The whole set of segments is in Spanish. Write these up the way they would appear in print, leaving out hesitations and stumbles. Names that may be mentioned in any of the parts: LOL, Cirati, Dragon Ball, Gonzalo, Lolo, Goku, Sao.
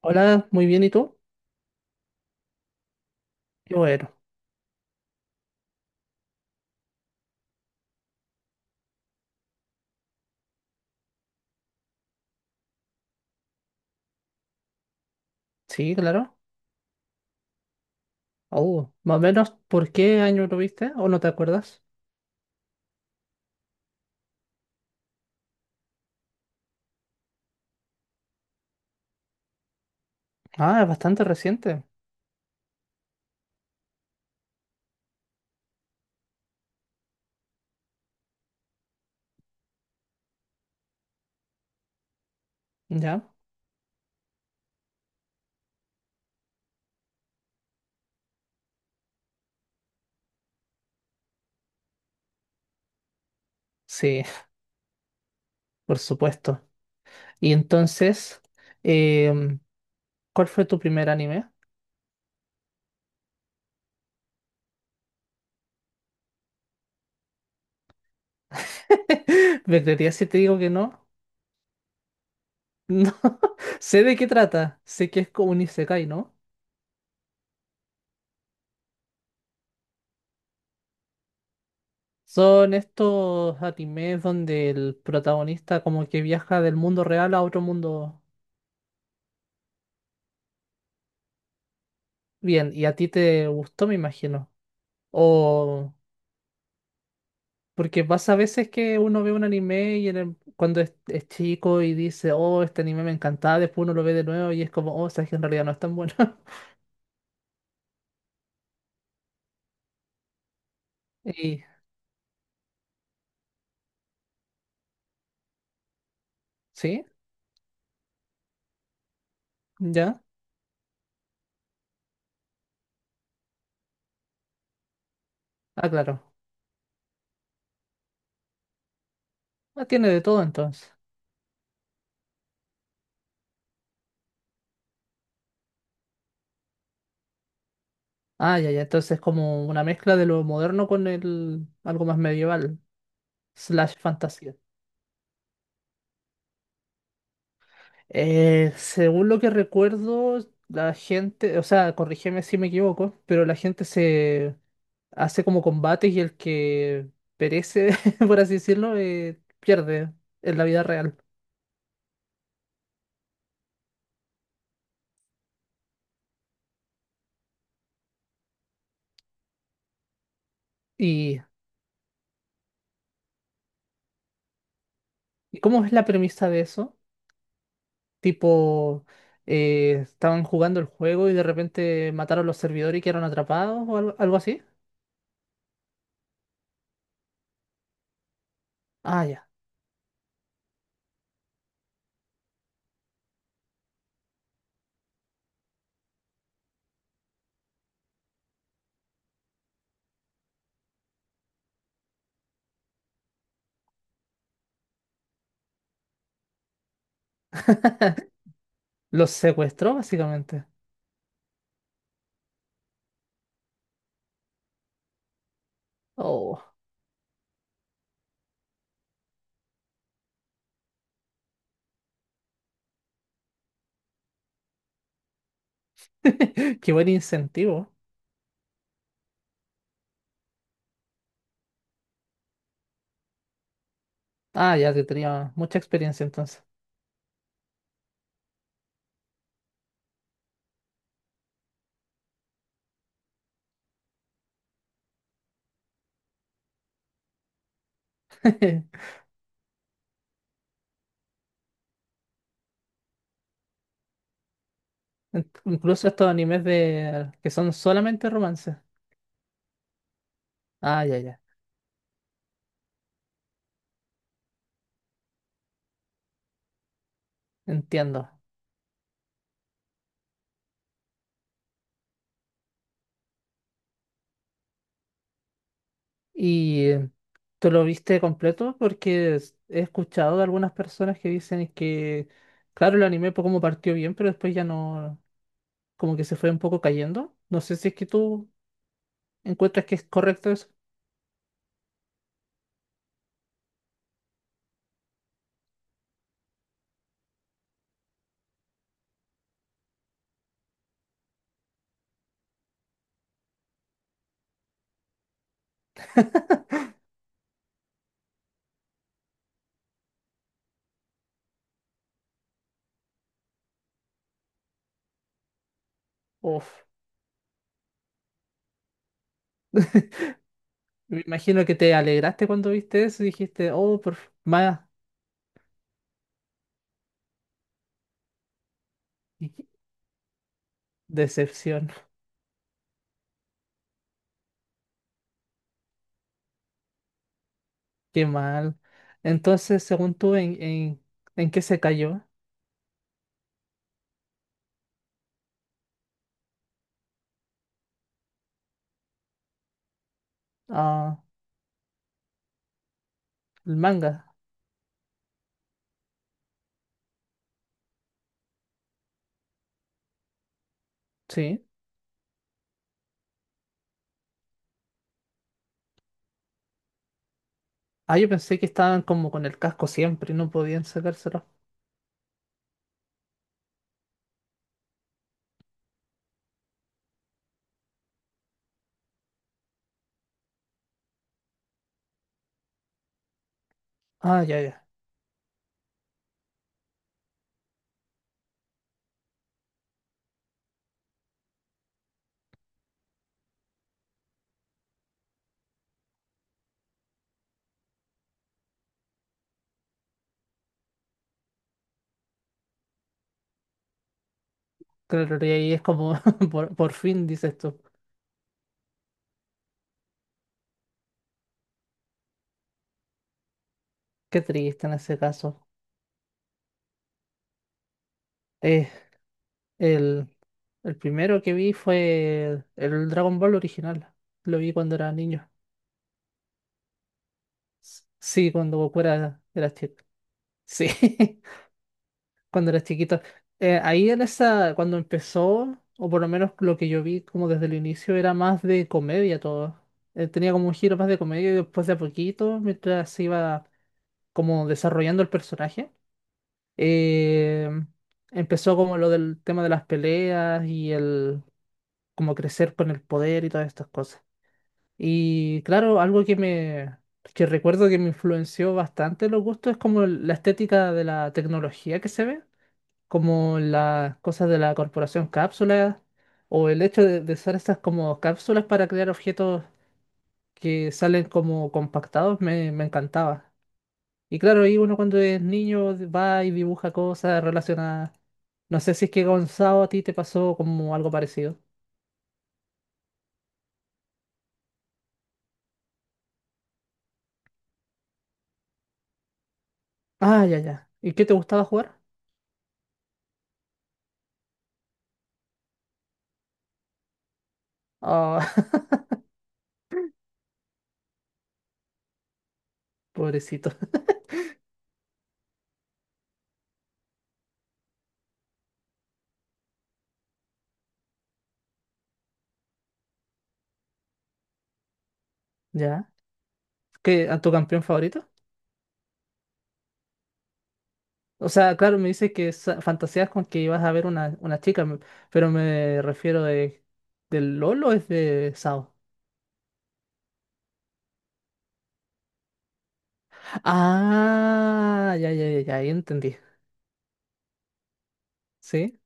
Hola, muy bien, ¿y tú? Qué bueno. Sí, claro. Oh, más o menos, ¿por qué año lo viste? ¿O no te acuerdas? Ah, es bastante reciente. ¿Ya? Sí, por supuesto. Y entonces, em, ¿cuál fue tu primer anime? ¿Me creerías si te digo que no? No. Sé de qué trata. Sé que es como un isekai, ¿no? Son estos animes donde el protagonista como que viaja del mundo real a otro mundo. Bien, y a ti te gustó, me imagino. O porque pasa a veces que uno ve un anime y cuando es chico y dice, oh, este anime me encantaba, después uno lo ve de nuevo y es como, oh, sabes que en realidad no es tan bueno. Y, ¿sí? ¿Ya? Ah, claro. Ah, tiene de todo entonces. Ah, ya, ya. Entonces es como una mezcla de lo moderno con el algo más medieval, slash fantasía. Según lo que recuerdo, la gente, o sea, corrígeme si me equivoco, pero la gente se hace como combates y el que perece, por así decirlo, pierde en la vida real. ¿Y ¿Y cómo es la premisa de eso? Tipo, estaban jugando el juego y de repente mataron los servidores y quedaron atrapados o algo así. Ah, ya. Los secuestró, básicamente. Oh, qué buen incentivo. Ah, ya te tenía mucha experiencia entonces. Inc- Incluso estos animes de que son solamente romances. Ah, ya, ya. Entiendo. ¿Y tú lo viste completo? Porque he escuchado de algunas personas que dicen que, claro, el anime por como partió bien, pero después ya no, como que se fue un poco cayendo. No sé si es que tú encuentras que es correcto eso. Uf, me imagino que te alegraste cuando viste eso y dijiste, oh, más y decepción, qué mal. Entonces, según tú, ¿en qué se cayó? Ah, el manga, sí. Ah, yo pensé que estaban como con el casco siempre y no podían sacárselo. Ah, ya, ya. Claro, y ahí es como, por fin dices tú. Qué triste en ese caso. Eh, el, el primero que vi fue el Dragon Ball original. Lo vi cuando era niño. Sí, cuando Goku era chico. Sí, cuando era chiquito. Ahí en esa, cuando empezó, o por lo menos lo que yo vi como desde el inicio, era más de comedia todo. Tenía como un giro más de comedia y después de a poquito, mientras se iba como desarrollando el personaje. Eh, empezó como lo del tema de las peleas y el como crecer con el poder y todas estas cosas. Y claro, algo que me que recuerdo que me influenció bastante los gustos es como la estética de la tecnología que se ve, como las cosas de la corporación cápsula o el hecho de usar estas como cápsulas para crear objetos que salen como compactados me encantaba. Y claro, ahí uno cuando es niño va y dibuja cosas relacionadas. No sé si es que Gonzalo a ti te pasó como algo parecido. Ah, ya, ya. ¿Y qué te gustaba jugar? Ah, pobrecito. ¿Ya? ¿Qué, a tu campeón favorito? O sea, claro, me dices que fantaseas con que ibas a ver una chica, pero me refiero de, ¿del Lolo es de Sao? Ah, ya, ya, ya, ya, ahí entendí. ¿Sí?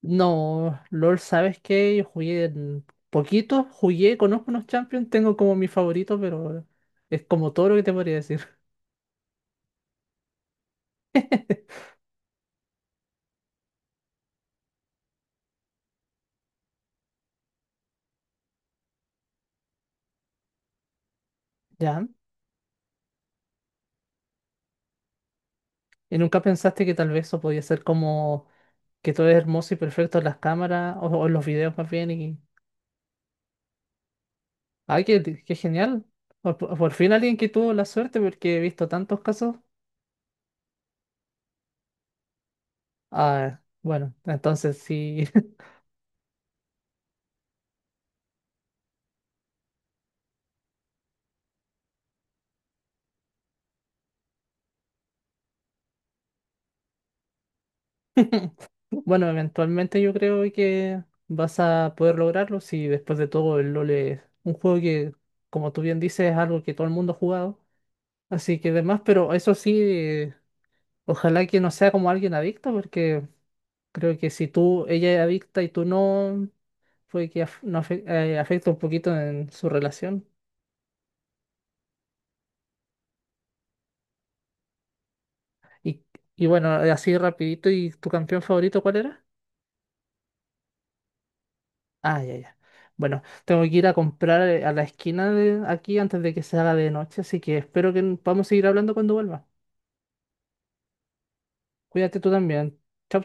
No, LOL, ¿sabes qué? Yo jugué en poquito, jugué, conozco unos champions, tengo como mi favorito, pero es como todo lo que te podría decir. ¿Ya? ¿Y nunca pensaste que tal vez eso podía ser como que todo es hermoso y perfecto en las cámaras o en los videos más bien? Y... ¡Ay, qué, qué genial! Por fin alguien que tuvo la suerte porque he visto tantos casos. Ah, bueno, entonces sí. Bueno, eventualmente yo creo que vas a poder lograrlo si después de todo el LoL es un juego que, como tú bien dices, es algo que todo el mundo ha jugado. Así que demás, pero eso sí, ojalá que no sea como alguien adicto, porque creo que si tú, ella es adicta y tú no, puede que af- no afe- afecte un poquito en su relación. Y, y bueno, así rapidito, ¿y tu campeón favorito cuál era? Ah, ya, ya. Bueno, tengo que ir a comprar a la esquina de aquí antes de que se haga de noche, así que espero que podamos seguir hablando cuando vuelva. Cuídate tú también. Chao.